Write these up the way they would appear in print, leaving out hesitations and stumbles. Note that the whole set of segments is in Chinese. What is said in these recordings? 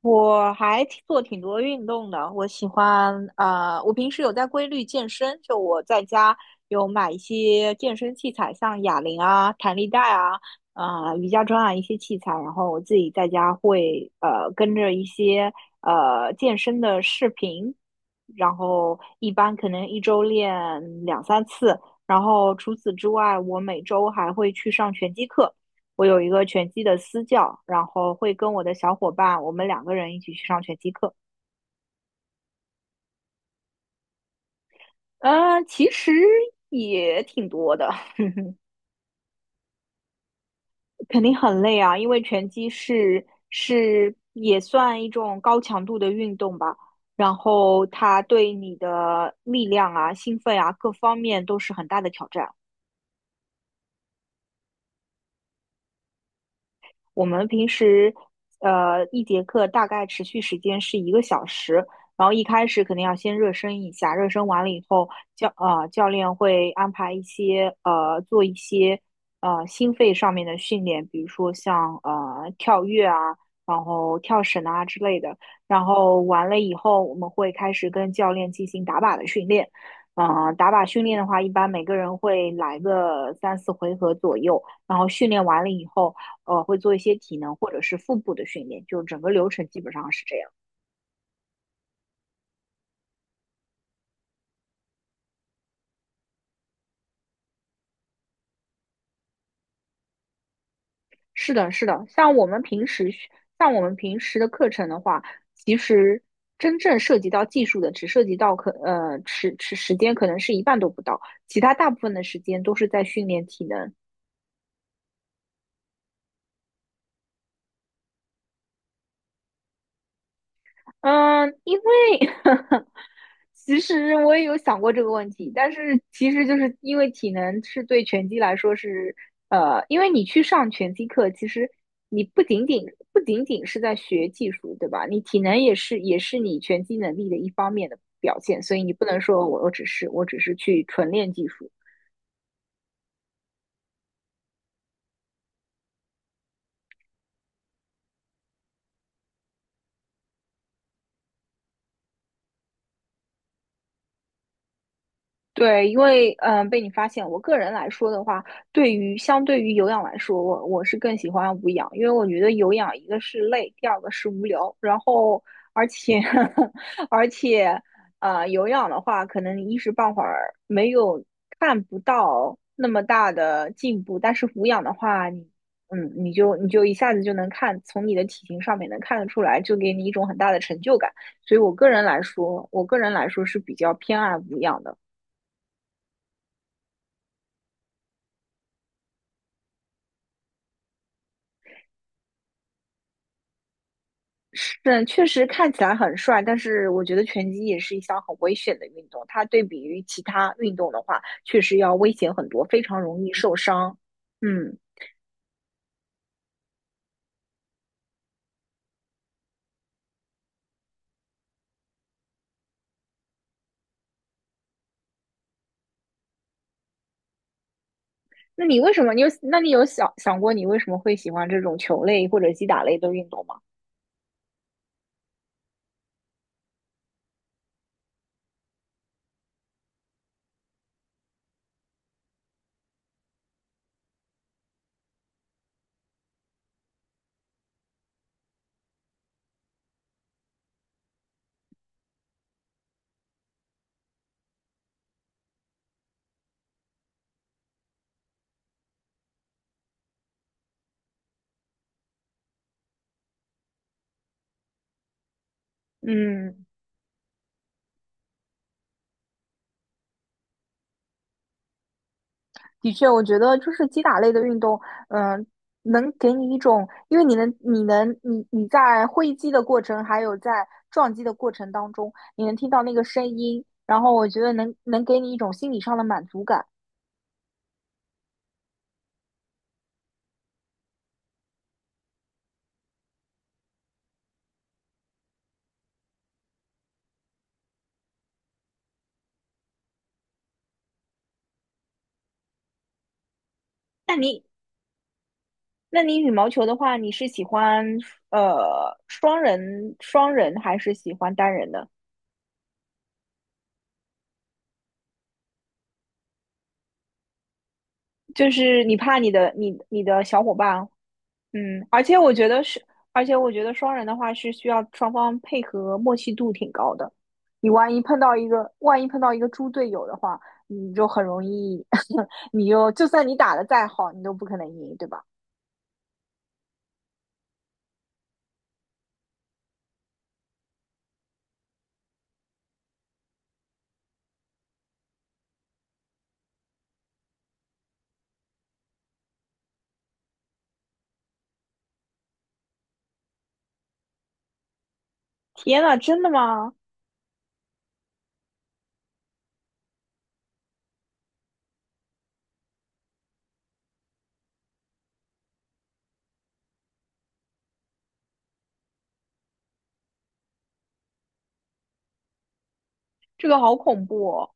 我还挺做挺多运动的，我喜欢呃，我平时有在规律健身，就我在家有买一些健身器材，像哑铃啊、弹力带啊、瑜伽砖啊一些器材，然后我自己在家会跟着一些健身的视频，然后一般可能一周练两三次，然后除此之外，我每周还会去上拳击课。我有一个拳击的私教，然后会跟我的小伙伴，我们两个人一起去上拳击课。其实也挺多的。肯定很累啊，因为拳击是也算一种高强度的运动吧，然后它对你的力量啊、兴奋啊各方面都是很大的挑战。我们平时一节课大概持续时间是一个小时，然后一开始肯定要先热身一下，热身完了以后，教练会安排一些做一些心肺上面的训练，比如说像跳跃啊，然后跳绳啊之类的。然后完了以后，我们会开始跟教练进行打靶的训练。打靶训练的话，一般每个人会来个三四回合左右。然后训练完了以后，会做一些体能或者是腹部的训练，就整个流程基本上是这样。是的，是的，像我们平时的课程的话，其实真正涉及到技术的，只涉及到可呃时时时间可能是一半都不到，其他大部分的时间都是在训练体能。嗯，因为 其实我也有想过这个问题，但是其实就是因为体能是对拳击来说是，因为你去上拳击课，其实你不仅仅是在学技术，对吧？你体能也是你拳击能力的一方面的表现，所以你不能说我只是去纯练技术。对，因为被你发现，我个人来说的话，相对于有氧来说，我是更喜欢无氧，因为我觉得有氧一个是累，第二个是无聊，然后而且 而且有氧的话，可能一时半会儿没有看不到那么大的进步，但是无氧的话，你就一下子就能看，从你的体型上面能看得出来，就给你一种很大的成就感。所以我个人来说是比较偏爱无氧的。是，确实看起来很帅，但是我觉得拳击也是一项很危险的运动。它对比于其他运动的话，确实要危险很多，非常容易受伤。嗯，那你为什么？那你有想过你为什么会喜欢这种球类或者击打类的运动吗？嗯的确，我觉得就是击打类的运动，嗯、能给你一种，因为你能，你能，你你在挥击的过程，还有在撞击的过程当中，你能听到那个声音，然后我觉得能给你一种心理上的满足感。那你，那你羽毛球的话，你是喜欢双人还是喜欢单人的？就是你怕你的小伙伴。嗯，而且我觉得是，而且我觉得双人的话是需要双方配合默契度挺高的。你万一碰到一个猪队友的话，你就很容易，你就就算你打的再好，你都不可能赢，对吧？天呐，真的吗？这个好恐怖哦！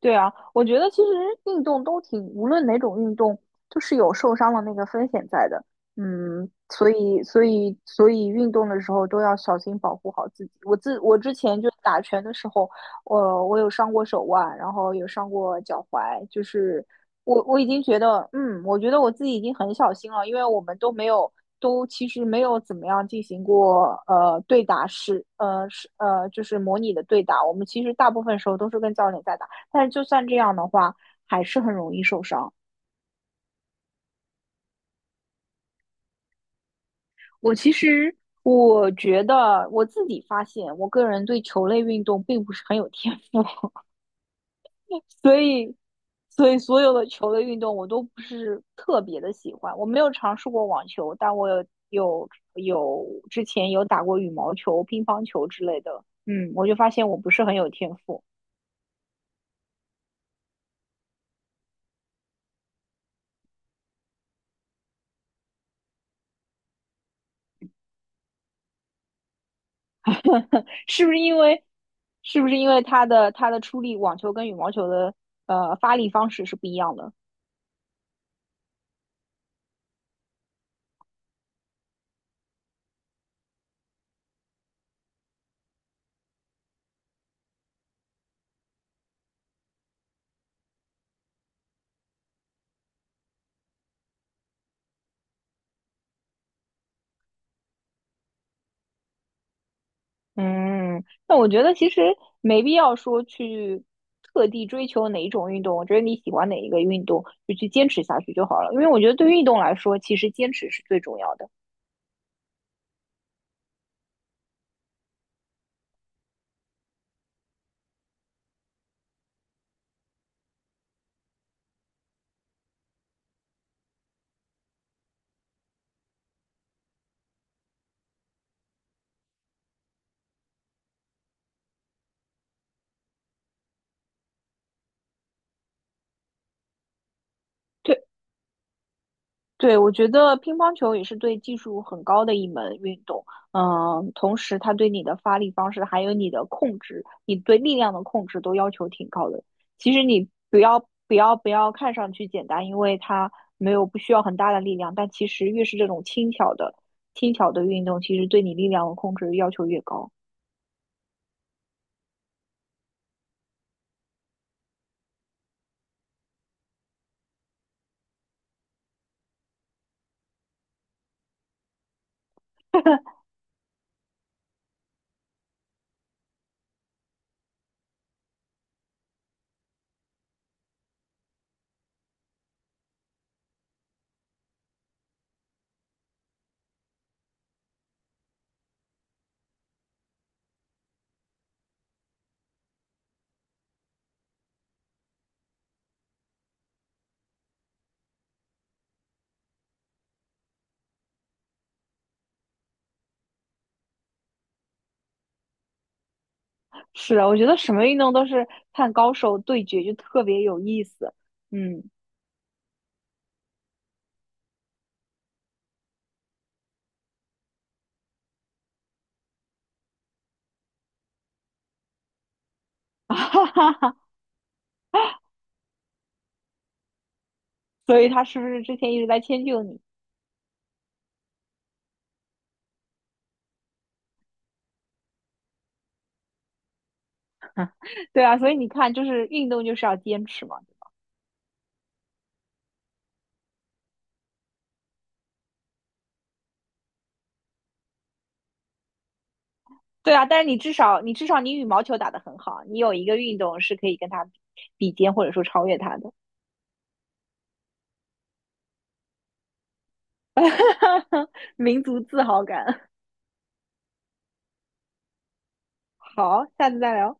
对啊，我觉得其实运动都挺，无论哪种运动，都是有受伤的那个风险在的。所以运动的时候都要小心保护好自己。我之前就打拳的时候，我有伤过手腕，然后有伤过脚踝，就是我已经觉得，我觉得我自己已经很小心了，因为我们都其实没有怎么样进行过对打，就是模拟的对打，我们其实大部分时候都是跟教练在打。但是就算这样的话，还是很容易受伤。我其实我觉得我自己发现，我个人对球类运动并不是很有天赋。所以所以所有的球类运动我都不是特别的喜欢。我没有尝试过网球，但我有有有之前有打过羽毛球、乒乓球之类的。嗯，我就发现我不是很有天赋。是不是因为是不是因为它的出力，网球跟羽毛球的发力方式是不一样的？嗯，那我觉得其实没必要说去特地追求哪一种运动，我觉得你喜欢哪一个运动，就去坚持下去就好了。因为我觉得对于运动来说，其实坚持是最重要的。对。对，我觉得乒乓球也是对技术很高的一门运动，同时它对你的发力方式，还有你的控制，你对力量的控制都要求挺高的。其实你不要看上去简单，因为它没有不需要很大的力量，但其实越是这种轻巧的运动，其实对你力量的控制要求越高。是啊，我觉得什么运动都是看高手对决就特别有意思。嗯，哈哈哈，所以他是不是之前一直在迁就你？对啊，所以你看，就是运动就是要坚持嘛。对啊，但是你至少你羽毛球打得很好，你有一个运动是可以跟他比肩或者说超越他的。民族自豪感。好，下次再聊。